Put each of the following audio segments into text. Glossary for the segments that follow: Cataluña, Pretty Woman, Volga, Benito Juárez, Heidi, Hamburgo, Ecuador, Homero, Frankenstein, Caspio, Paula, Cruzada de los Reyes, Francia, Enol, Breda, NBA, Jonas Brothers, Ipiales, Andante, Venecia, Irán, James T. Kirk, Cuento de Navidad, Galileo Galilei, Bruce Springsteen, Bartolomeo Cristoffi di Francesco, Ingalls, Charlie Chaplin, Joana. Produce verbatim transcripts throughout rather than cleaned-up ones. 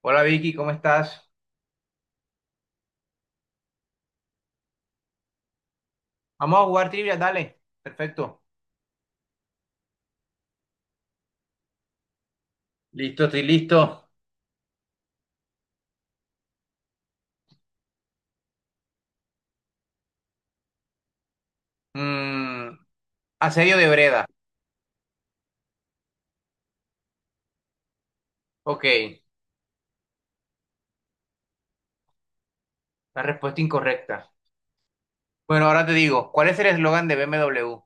Hola Vicky, ¿cómo estás? Vamos a jugar trivia, dale. Perfecto. Listo, estoy listo. Mm, asedio de Breda. Ok, la respuesta incorrecta. Bueno, ahora te digo, ¿cuál es el eslogan de B M W?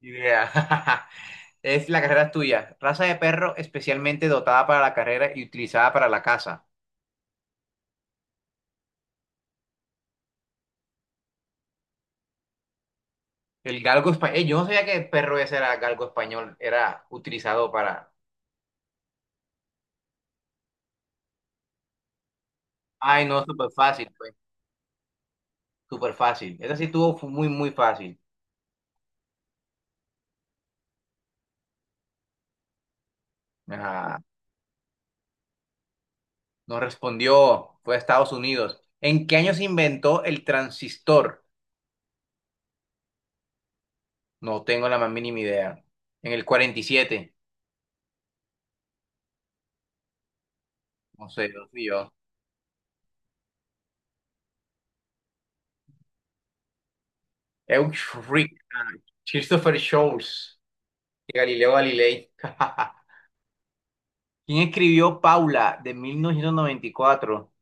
Idea. Es la carrera es tuya. Raza de perro especialmente dotada para la carrera y utilizada para la caza. El galgo español. Yo no sabía que el perro ese era galgo español, era utilizado para. Ay, no, súper fácil, pues. Súper fácil. Esa sí estuvo fu- muy, muy fácil. Ajá. Nos respondió, fue a Estados Unidos. ¿En qué año se inventó el transistor? No tengo la más mínima idea. En el cuarenta y siete. No sé, no fui yo. Euchrich, ah, Christopher Scholz y Galileo Galilei. ¿Quién escribió Paula de mil novecientos noventa y cuatro?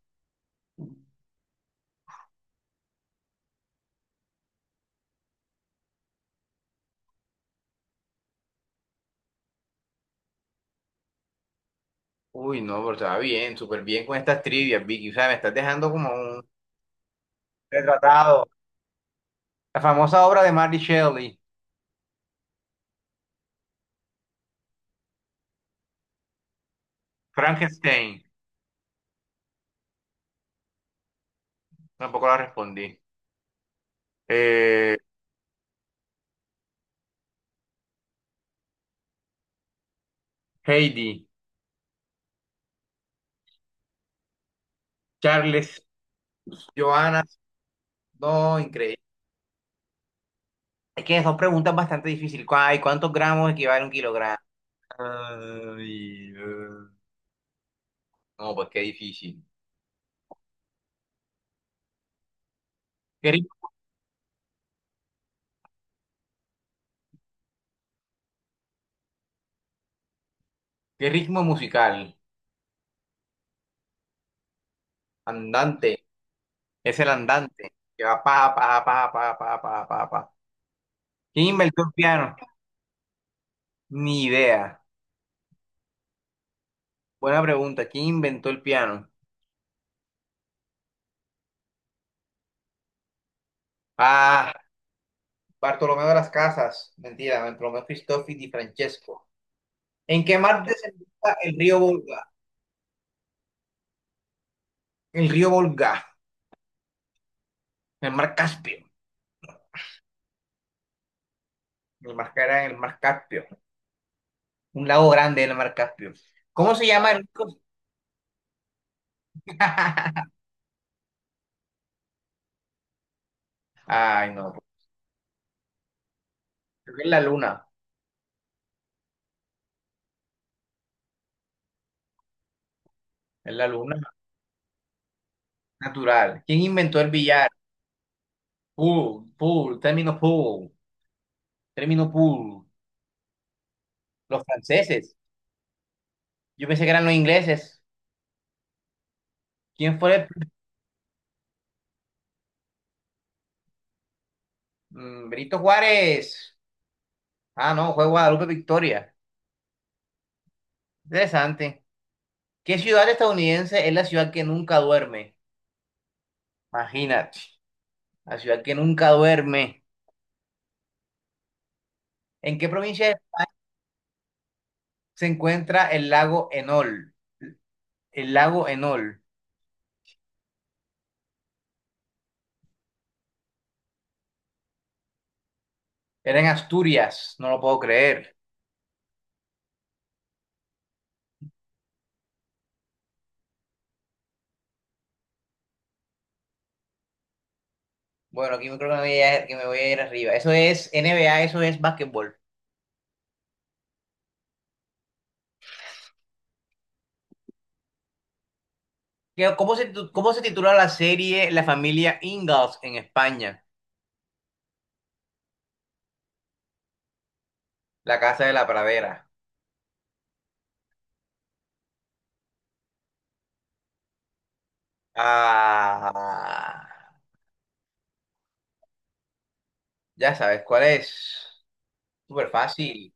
Uy, no, pero estaba bien, súper bien con estas trivias, Vicky. O sea, me estás dejando como un retratado. La famosa obra de Mary Shelley, Frankenstein. Tampoco la respondí. Eh, Heidi. Charles, Joana, no, increíble. Es que son preguntas bastante difíciles. ¿Cuá- ¿Y cuántos gramos equivale a un kilogramo? Ay, eh, no, pues qué difícil. ¿Qué ritmo, ¿qué ritmo musical? Andante. Es el andante, que va pa, pa, pa, pa, pa, pa, pa, pa. ¿Quién inventó el piano? Ni idea. Buena pregunta. ¿Quién inventó el piano? Ah, Bartolomeo de las Casas, mentira, Bartolomeo Cristoffi di Francesco. ¿En qué mar desemboca el río Volga? El río Volga, en el mar Caspio. El mar era en el mar Caspio. Un lago grande en el mar Caspio. ¿Cómo se llama el rico? Ay, no. Creo que es la luna. Es la luna natural. ¿Quién inventó el billar? Pool, pool, término pool, término pool. Los franceses. Yo pensé que eran los ingleses. ¿Quién fue el... Mm, Benito Juárez. Ah, no, fue Guadalupe Victoria. Interesante. ¿Qué ciudad estadounidense es la ciudad que nunca duerme? Imagínate, la ciudad que nunca duerme. ¿En qué provincia se encuentra el lago Enol? El lago Enol. Era en Asturias, no lo puedo creer. Bueno, aquí creo que me voy a, que me voy a ir arriba. Eso es N B A, eso es básquetbol. ¿Qué- ¿Cómo se, titu- ¿cómo se titula la serie La familia Ingalls en España? La casa de la pradera. Ah, ya sabes cuál es. Súper fácil,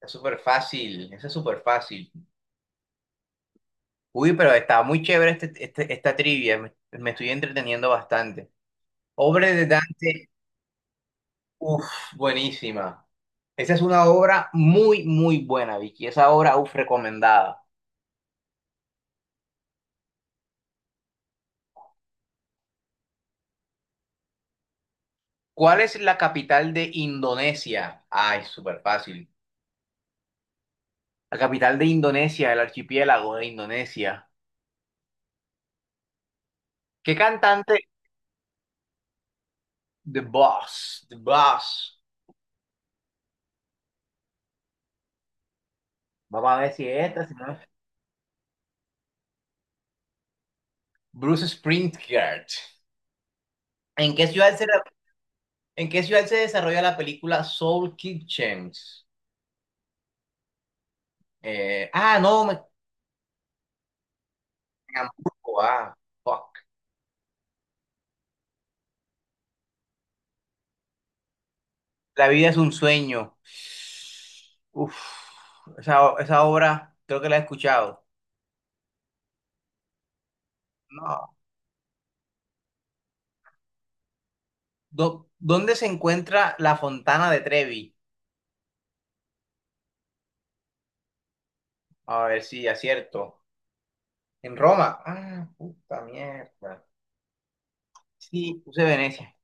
es súper fácil, eso es súper fácil. Uy, pero estaba muy chévere este, este- esta trivia, me, me estoy entreteniendo bastante. Obra de Dante. Uf, buenísima. Esa es una obra muy, muy buena, Vicky. Esa obra, uf, recomendada. ¿Cuál es la capital de Indonesia? Ay, súper fácil. La capital de Indonesia, el archipiélago de Indonesia. ¿Qué cantante? The Boss, The Boss. Vamos a ver si es esta, si no es. Bruce Springsteen. ¿En qué ciudad se, ¿en qué ciudad se desarrolla la película Soul Kitchen? Eh, ah, no, me... en Hamburgo, ah, fuck. La vida es un sueño. Uf, esa, esa obra creo que la he escuchado. No. Do- ¿dónde se encuentra la Fontana de Trevi? A ver si acierto. En Roma. Ah, puta mierda. Sí, puse Venecia.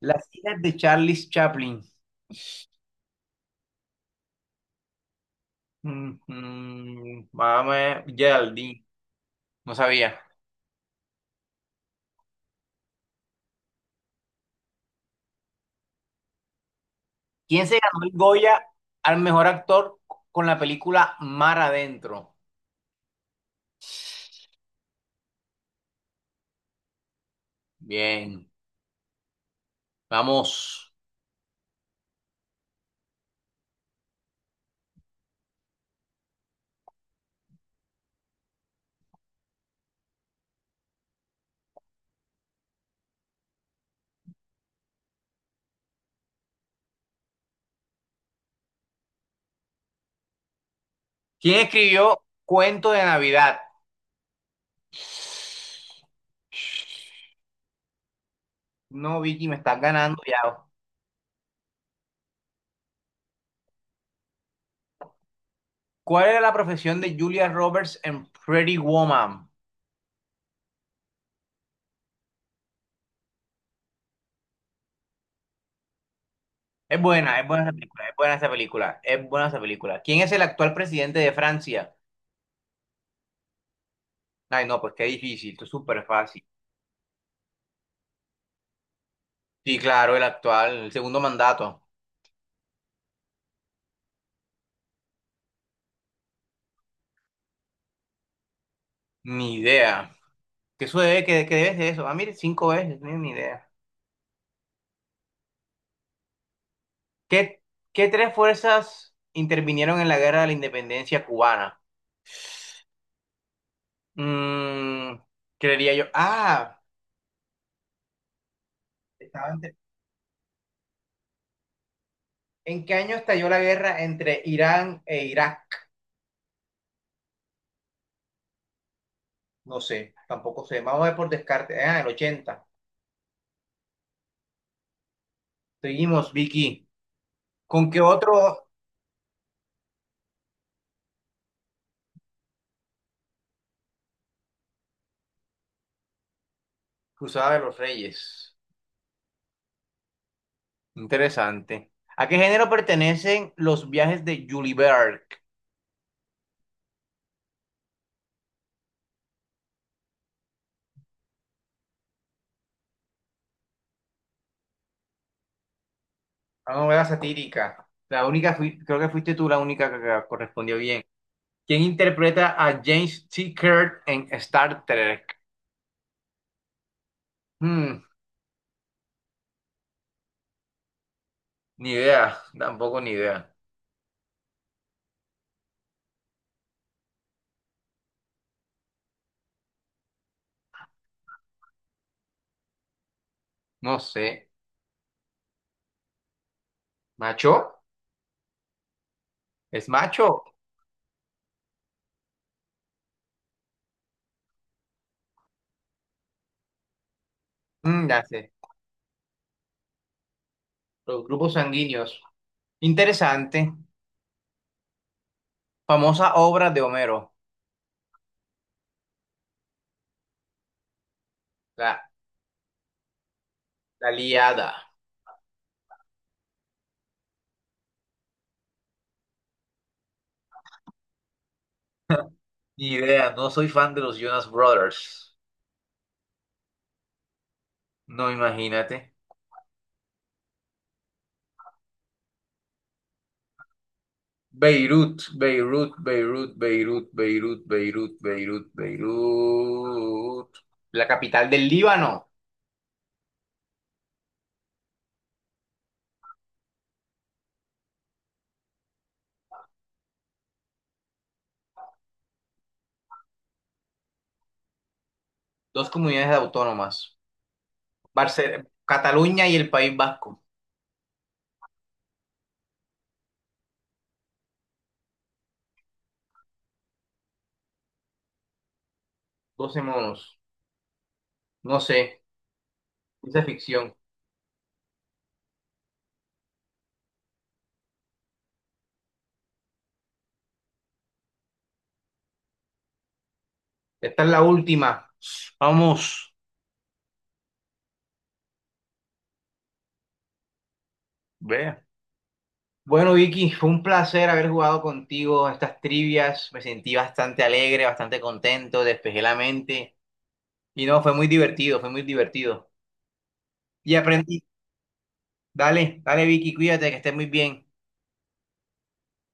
Las hijas de Charlie Chaplin. Mm, mm, Mamá Geraldine. No sabía. ¿Quién se ganó el Goya al mejor actor con la película Mar Adentro? Bien, vamos. ¿Quién escribió Cuento de Navidad? No, Vicky, me estás ganando ya. ¿Cuál era la profesión de Julia Roberts en Pretty Woman? Es buena, es buena esa película, es buena esa película, es buena esa película. ¿Quién es el actual presidente de Francia? Ay, no, pues qué difícil, esto es súper fácil. Sí, claro, el actual, el segundo mandato. Ni idea. ¿Qué sucede? ¿qué, qué debe ser eso? Ah, mire, cinco veces, no, tengo ni idea. ¿Qué, ¿qué tres fuerzas intervinieron en la guerra de la independencia cubana? Mm, creería yo. Ah, estaba entre- ¿en qué año estalló la guerra entre Irán e Irak? No sé, tampoco sé. Vamos a ver por descarte. Ah, el ochenta. Seguimos, Vicky. ¿Con qué otro? Cruzada de los Reyes. Interesante. ¿A qué género pertenecen los viajes de Julie Berg? A una novela satírica. La única, fui- creo que fuiste tú la única que que correspondió bien. ¿Quién interpreta a James T. Kirk en Star Trek? Hmm, ni idea, tampoco ni idea. No sé. ¿Macho? ¿Es macho? Mm, ya sé. Los grupos sanguíneos. Interesante. Famosa obra de Homero. La, la Ilíada. Ni idea, no soy fan de los Jonas Brothers. No, imagínate. Beirut, Beirut, Beirut, Beirut, Beirut, Beirut, Beirut, Beirut. La capital del Líbano. Dos comunidades autónomas. Barce- Cataluña y el País Vasco. doce monos. No sé, ciencia ficción. Esta es la última. Vamos. Ve, bueno, Vicky, fue un placer haber jugado contigo estas trivias. Me sentí bastante alegre, bastante contento, despejé la mente. Y no, fue muy divertido, fue muy divertido. Y aprendí. Dale, dale, Vicky, cuídate, que estés muy bien.